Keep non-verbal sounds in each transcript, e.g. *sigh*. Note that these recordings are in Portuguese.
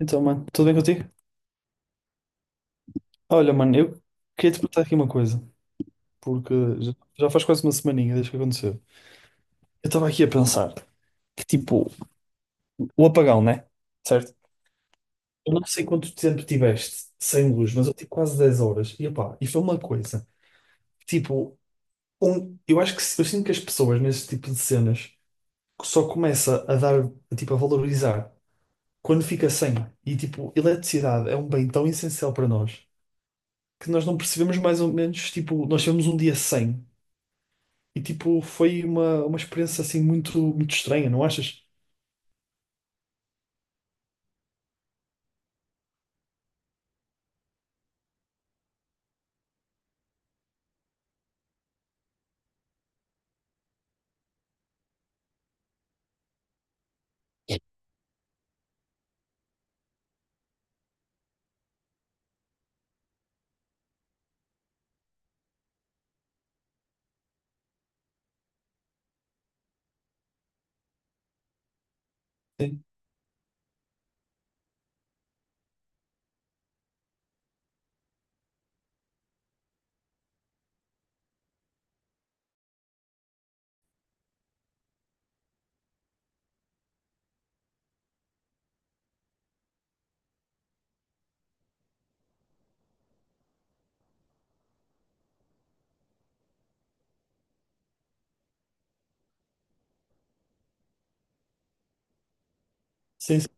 Então, mano, tudo bem contigo? Olha, mano, eu queria te perguntar aqui uma coisa, porque já, já faz quase uma semaninha desde que aconteceu. Eu estava aqui a pensar que, tipo, o apagão, né? Certo? Eu não sei quanto tempo tiveste sem luz, mas eu tive quase 10 horas. E, opá, e foi uma coisa, tipo, eu acho que eu sinto que as pessoas nesse tipo de cenas só começa a dar, tipo, a valorizar quando fica sem. E, tipo, eletricidade é um bem tão essencial para nós que nós não percebemos mais ou menos, tipo, nós tivemos um dia sem. E tipo, foi uma experiência assim muito, muito estranha, não achas? Sim. Sim, sim.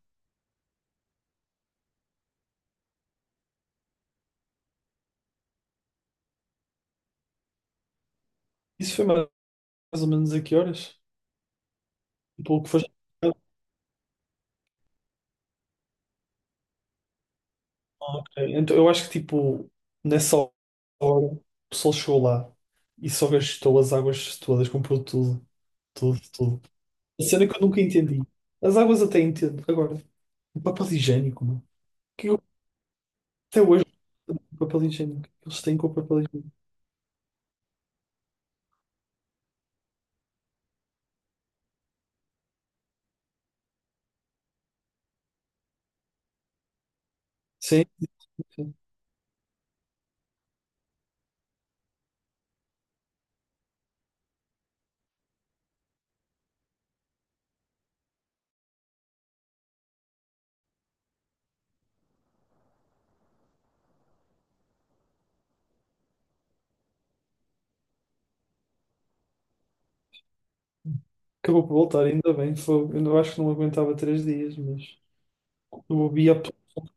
Isso foi mais mais ou menos a que horas? Tipo, o que foste? Então, eu acho que tipo, nessa hora, o pessoal chegou lá e só gastou as águas todas, comprou tudo, tudo, tudo. A cena que eu nunca entendi. As águas até entendo. Agora, o papel higiênico, mano. Que eu, até hoje, o papel higiênico. Eles têm com o papel higiênico. Sim, sim. Acabou por voltar, ainda bem. Foi, eu acho que não aguentava 3 dias, mas. Eu ouvia a pessoa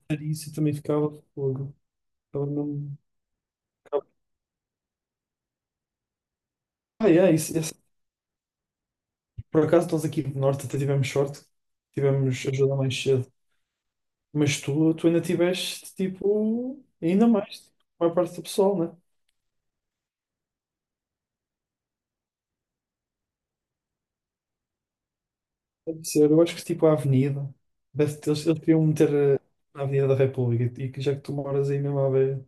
fazer isso e também ficava de fogo. Ficava ficava- Ah, é, Por acaso nós aqui do Norte até tivemos sorte, tivemos ajuda mais cedo. Mas tu ainda tiveste, tipo, ainda mais, tipo, a maior parte do pessoal, né? Deve ser, eu acho que tipo a Avenida, deve ter, eles queriam meter na Avenida da República e que já que tu moras aí mesmo à beira,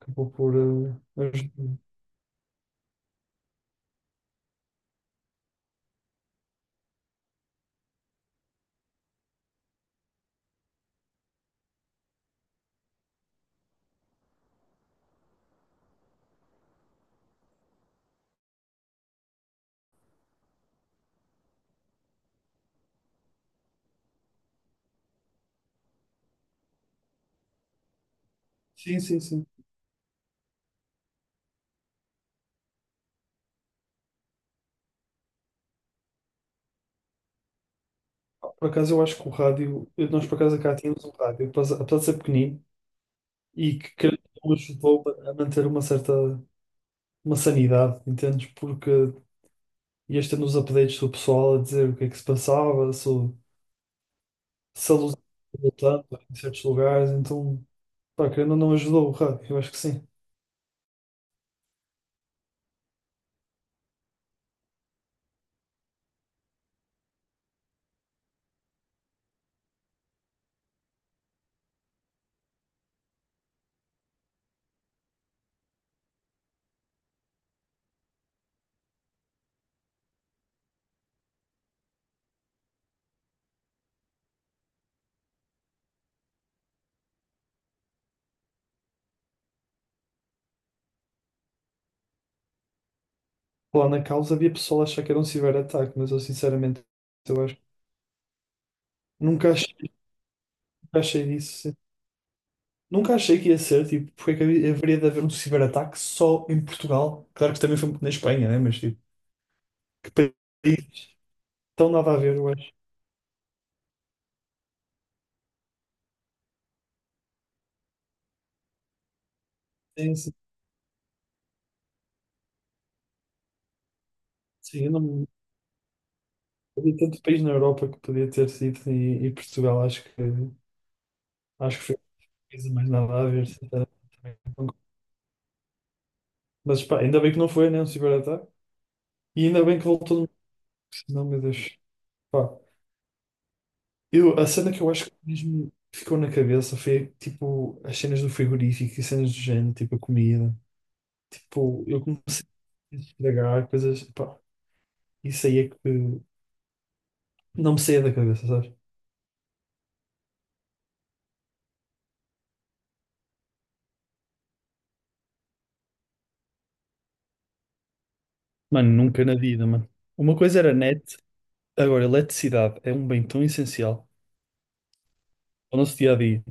acabou por. Ajudar. Sim, sim, sim. Por acaso eu acho que o rádio, nós por acaso cá tínhamos um rádio, apesar de ser pequenino. E que creio que o ajudou a manter uma certa uma sanidade, entendes? Porque ias tendo os updates do pessoal a dizer o que é que se passava, se, se a luz estava voltando em certos lugares, então, pá, querendo ou não ajudou, rá, eu acho que sim. Lá na causa havia pessoal a achar que era um ciberataque, mas eu sinceramente, eu acho, nunca achei, nunca achei isso. Sim. Nunca achei que ia ser, tipo, porque é que haveria de haver um ciberataque só em Portugal? Claro que também foi na Espanha, né? Mas, tipo, que país tão nada a ver, eu acho. Sim, sim. Sim, eu não havia tanto país na Europa que podia ter sido e Portugal acho que foi uma coisa mais nada a ver. Sinceramente. Também concordo. Mas pá, ainda bem que não foi, né? Um ciberataque. E ainda bem que voltou no. Não, meu Deus. Pá, eu, a cena que eu acho que mesmo ficou na cabeça foi tipo as cenas do frigorífico e cenas do género, tipo a comida. Tipo, eu comecei a estragar coisas. Pá, isso aí é que não me saía da cabeça, sabes? Mano, nunca na vida, mano. Uma coisa era net. Agora, eletricidade é um bem tão essencial ao nosso dia a dia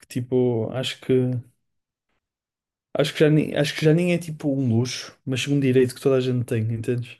que, tipo, acho que já nem, acho que já nem é tipo um luxo, mas um direito que toda a gente tem, entendes?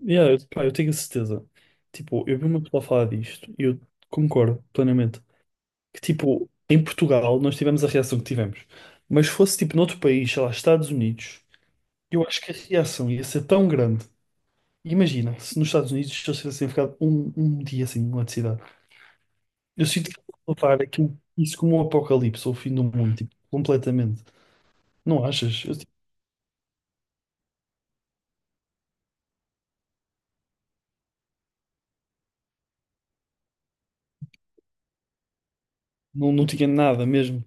Yeah, eu, pá, eu tenho a certeza. Tipo, eu vi uma pessoa falar disto e eu concordo plenamente. Que, tipo, em Portugal nós tivemos a reação que tivemos, mas se fosse tipo noutro país, sei lá, Estados Unidos, eu acho que a reação ia ser tão grande. Imagina, se nos Estados Unidos se eu tivesse ficado um dia assim numa cidade. Eu sinto que vou levar aquilo, isso como um apocalipse ou o fim do mundo, tipo, completamente. Não achas? Eu, tipo, não, não tinha nada mesmo.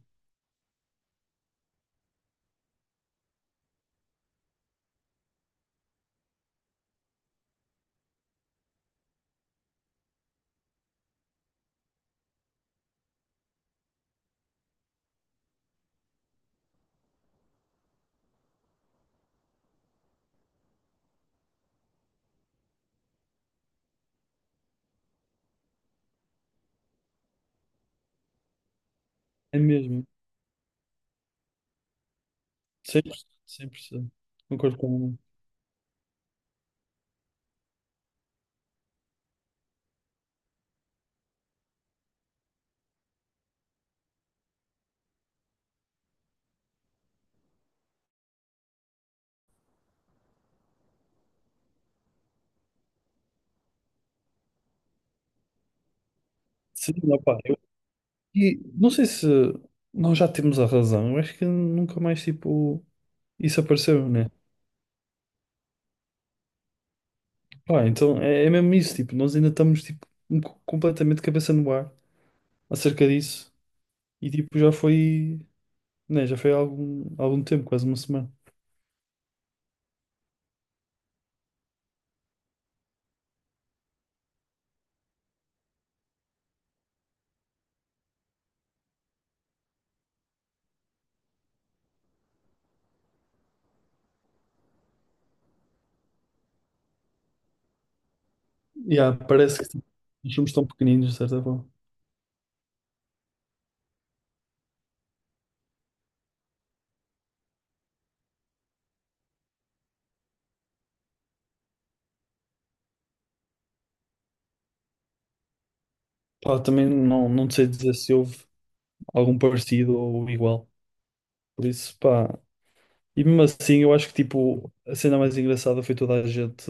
É mesmo. 100%, 100%. Concordo com o Sim, opá, eu, e não sei se nós já temos a razão. Eu acho que nunca mais, tipo, isso apareceu, né? Pá, então é, é mesmo isso, tipo, nós ainda estamos, tipo, completamente cabeça no ar acerca disso. E, tipo, já foi. Nem, já foi há algum tempo, quase uma semana. Yeah, parece que os filmes estão pequeninos, de certa forma. Pá, também não sei dizer se houve algum parecido ou igual. Por isso, pá. E mesmo assim, eu acho que tipo, a cena mais engraçada foi toda a gente,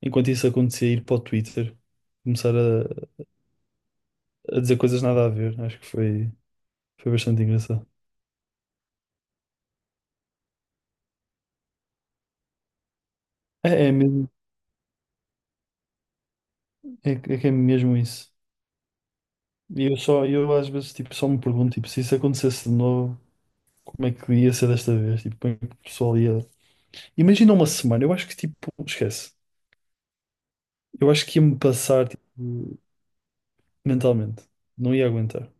enquanto isso acontecia, ir para o Twitter, começar a dizer coisas nada a ver. Acho que foi, foi bastante engraçado. É, é mesmo, é, que é que é mesmo isso. E eu só, eu às vezes tipo, só me pergunto, tipo, se isso acontecesse de novo, como é que ia ser desta vez? Tipo, como é que o pessoal ia. Imagina uma semana, eu acho que tipo, esquece. Eu acho que ia-me passar tipo, mentalmente. Não ia aguentar.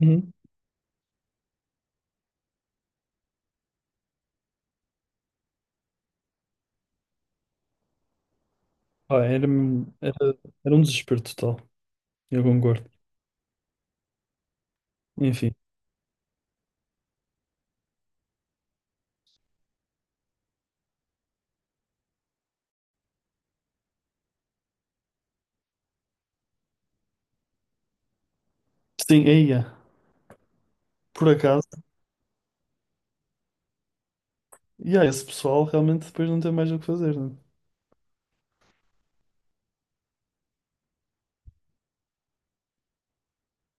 Uhum. Ah, era, era, era um desespero total. Eu concordo. Enfim. Sim, aí é. Por acaso, e aí, esse pessoal realmente depois não tem mais o que fazer, né?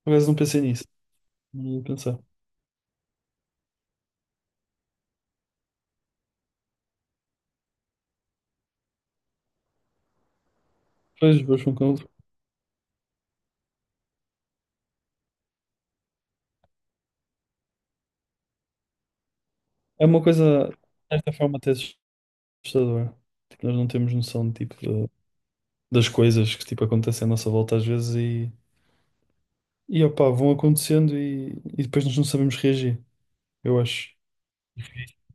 Por acaso não pensei nisso. Não ia pensar. Pois, pois, concordo. É uma coisa, de certa forma, até assustadora. Tipo, nós não temos noção tipo, das coisas que tipo, acontecem à nossa volta às vezes e opá, vão acontecendo e depois nós não sabemos reagir. Eu acho.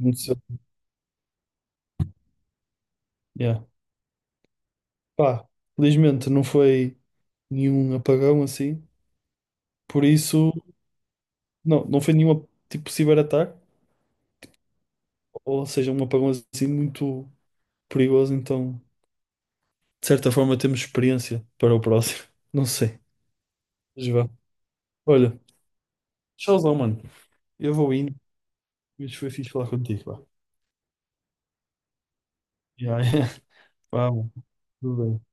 Aconteceu. Yeah. Pá, felizmente não foi nenhum apagão assim. Por isso, não foi nenhum tipo ciberataque, ou seja, um apagão assim muito perigoso. Então, de certa forma, temos experiência para o próximo. *laughs* Não sei. Mas vá. Olha, tchauzão, mano. Eu vou indo. Mas foi fixe falar contigo, vá. Yeah, *laughs* vá, mano. Tudo bem.